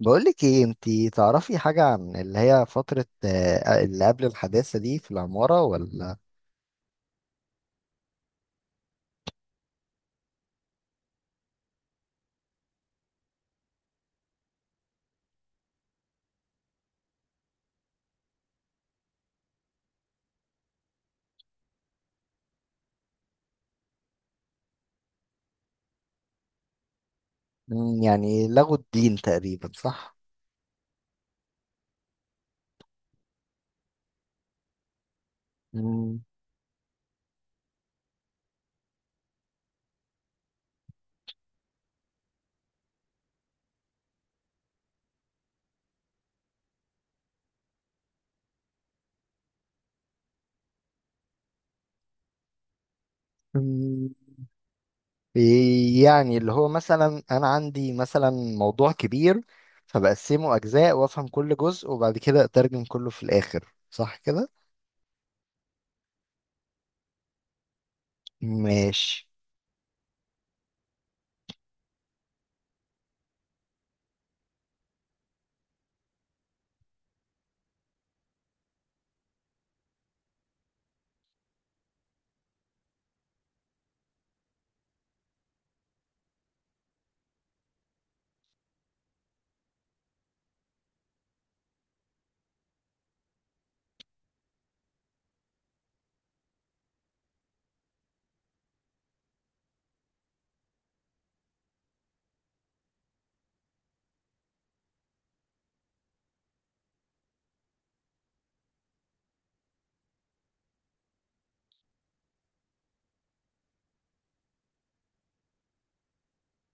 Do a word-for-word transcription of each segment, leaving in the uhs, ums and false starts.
بقولك ايه، انتي تعرفي حاجة عن اللي هي فترة آه، اللي قبل الحداثة دي في العمارة ولا؟ مم، يعني لغوا الدين تقريبا، صح؟ مم. مم. إيه؟ يعني اللي هو مثلا انا عندي مثلا موضوع كبير، فبقسمه اجزاء وافهم كل جزء وبعد كده اترجم كله في الاخر، صح كده؟ ماشي.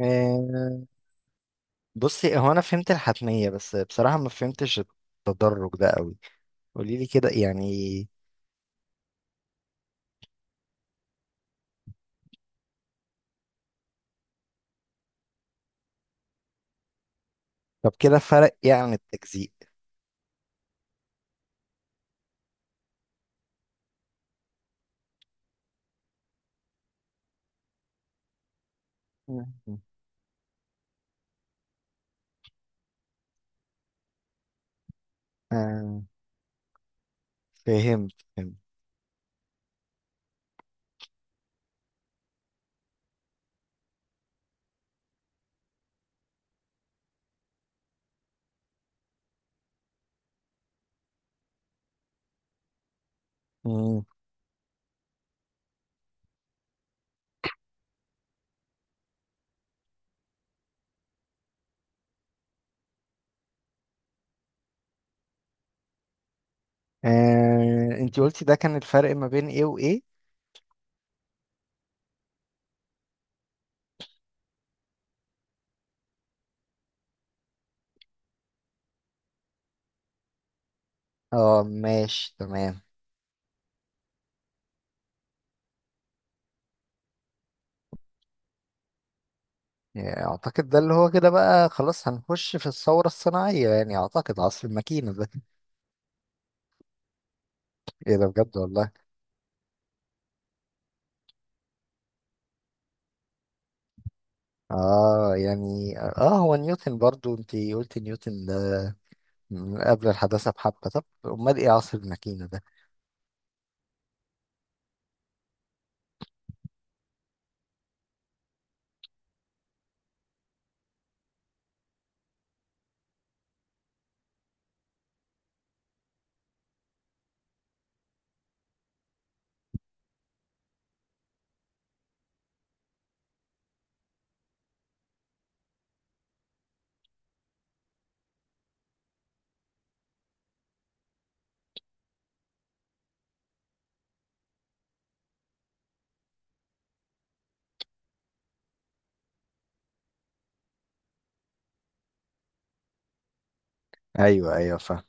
آه. بصي، هو انا فهمت الحتمية بس بصراحة ما فهمتش التدرج ده قوي. قوليلي كده يعني. طب كده فرق ايه عن التجزيء؟ مم. آه، فهمت، فهمت. مم. آه، انتي قلتي ده كان الفرق ما بين ايه وايه؟ اه، ماشي، تمام. يعني اعتقد ده اللي هو كده بقى خلاص هنخش في الثورة الصناعية، يعني اعتقد عصر الماكينة ده. ايه ده؟ بجد والله. اه، يعني اه هو نيوتن، برضو انتي قلتي نيوتن ده من قبل الحداثة بحبة. طب امال ايه عصر الماكينة ده؟ ايوه، ايوه، فاهم.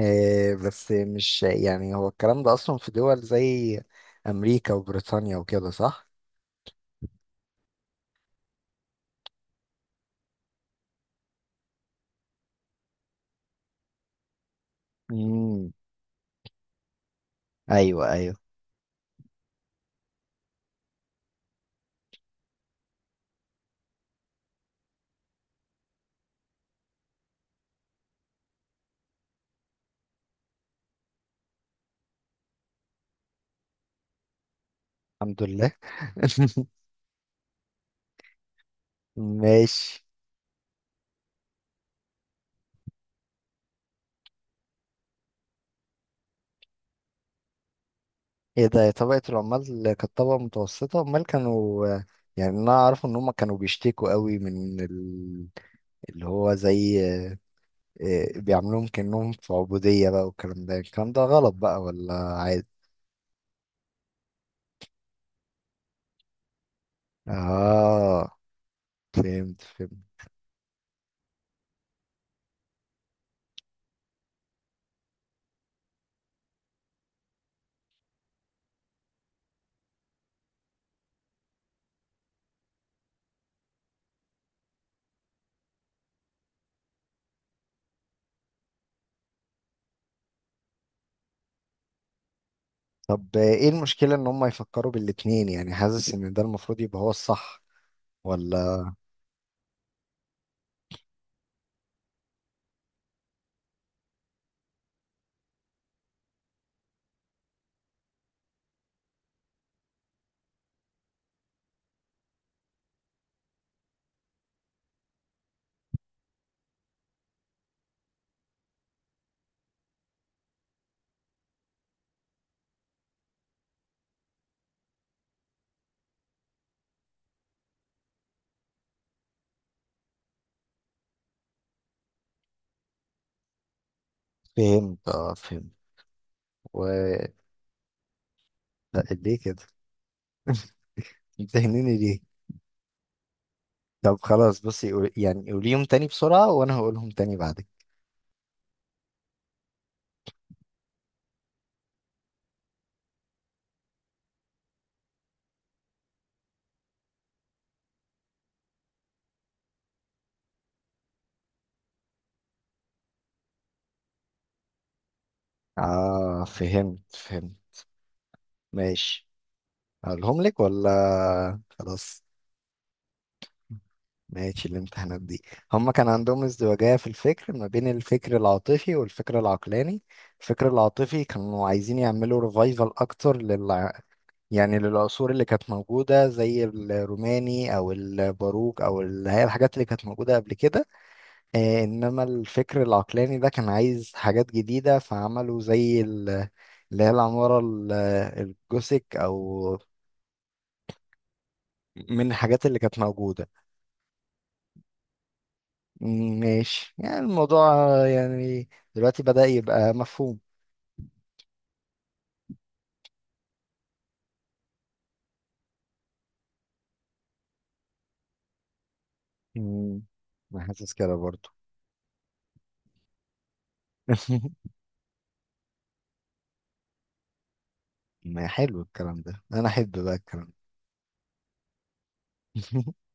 آه، بس مش يعني، هو الكلام ده أصلا في دول زي أمريكا وبريطانيا وكده، صح؟ مم. أيوه، أيوه. الحمد لله. ماشي. ايه ده؟ طبقة العمال كانت طبقة متوسطة؟ امال كانوا، يعني انا اعرف ان هم كانوا بيشتكوا قوي من ال- اللي هو زي آه، آه، بيعملوهم كأنهم في عبودية بقى، والكلام ده الكلام ده غلط بقى ولا عادي؟ اه، فهمت، فهمت. طب ايه المشكلة ان هم يفكروا بالاتنين؟ يعني حاسس ان ده المفروض يبقى هو الصح، ولا؟ فهمت، اه، فهمت. و. لا، ليه كده؟ بتهنيني ليه؟ طب خلاص، بصي، قول- يعني قوليهم تاني بسرعة وانا هقولهم تاني بعدك. اه، فهمت، فهمت. ماشي. هقولهم لك ولا خلاص؟ ماشي. الامتحانات دي، هما كان عندهم ازدواجية في الفكر ما بين الفكر العاطفي والفكر العقلاني. الفكر العاطفي كانوا عايزين يعملوا ريفايفل اكتر لل يعني للعصور اللي كانت موجودة زي الروماني أو الباروك أو ال- هي الحاجات اللي كانت موجودة قبل كده. آه، إنما الفكر العقلاني ده كان عايز حاجات جديدة، فعملوا زي ال- اللي هي العمارة ال- الجوثيك أو، من الحاجات اللي كانت موجودة. م- ماشي، يعني الموضوع، آه، يعني دلوقتي بدأ يبقى مفهوم. م. أنا حاسس كده برضو. ما حلو الكلام ده، أنا أحب بقى الكلام ده.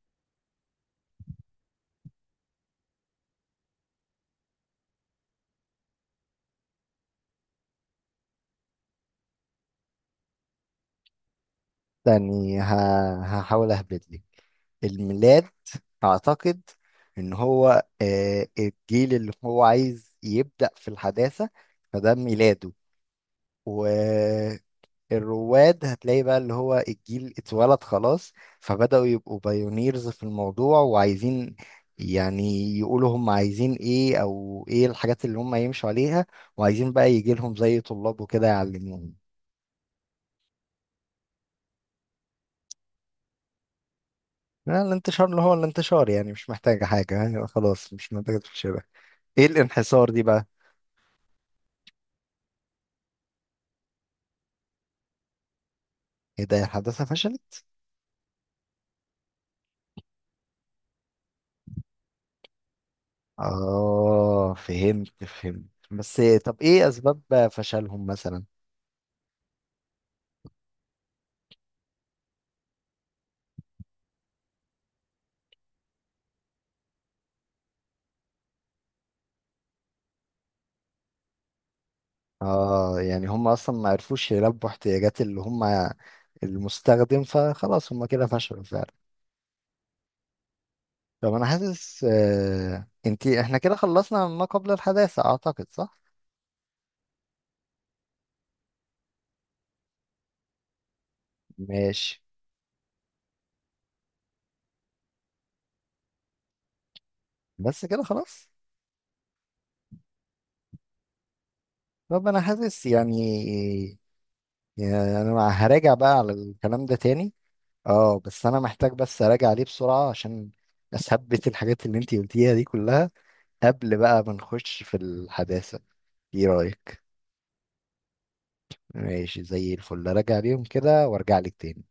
يعني ه- هحاول اهبط لك الميلاد. اعتقد ان هو آه، الجيل اللي هو عايز يبدأ في الحداثة، فده ميلاده. والرواد هتلاقي بقى اللي هو الجيل اتولد خلاص، فبدأوا يبقوا بايونيرز في الموضوع، وعايزين، يعني، يقولوا هم عايزين ايه او ايه الحاجات اللي هم يمشوا عليها، وعايزين بقى يجي لهم زي طلاب وكده يعلموهم. لا، الانتشار اللي هو الانتشار، يعني مش محتاجة حاجة، يعني خلاص مش محتاجة تشبه. ايه الانحسار دي بقى؟ ايه ده؟ الحداثة فشلت؟ اه، فهمت، فهمت. بس طب ايه اسباب فشلهم مثلا؟ اه، يعني هم اصلا ما عرفوش يلبوا احتياجات اللي هم المستخدم، فخلاص هم كده فشلوا فعلا. طب انا حاسس، آه انتي احنا كده خلصنا ما قبل الحداثة، اعتقد، صح؟ ماشي. بس كده خلاص. طب انا حاسس يعني، يعني انا هراجع بقى على الكلام ده تاني. اه، بس انا محتاج بس اراجع عليه بسرعة عشان اثبت الحاجات اللي انتي قلتيها دي كلها قبل بقى ما نخش في الحداثة، ايه رأيك؟ ماشي، زي الفل، اراجع عليهم كده وارجع لك تاني.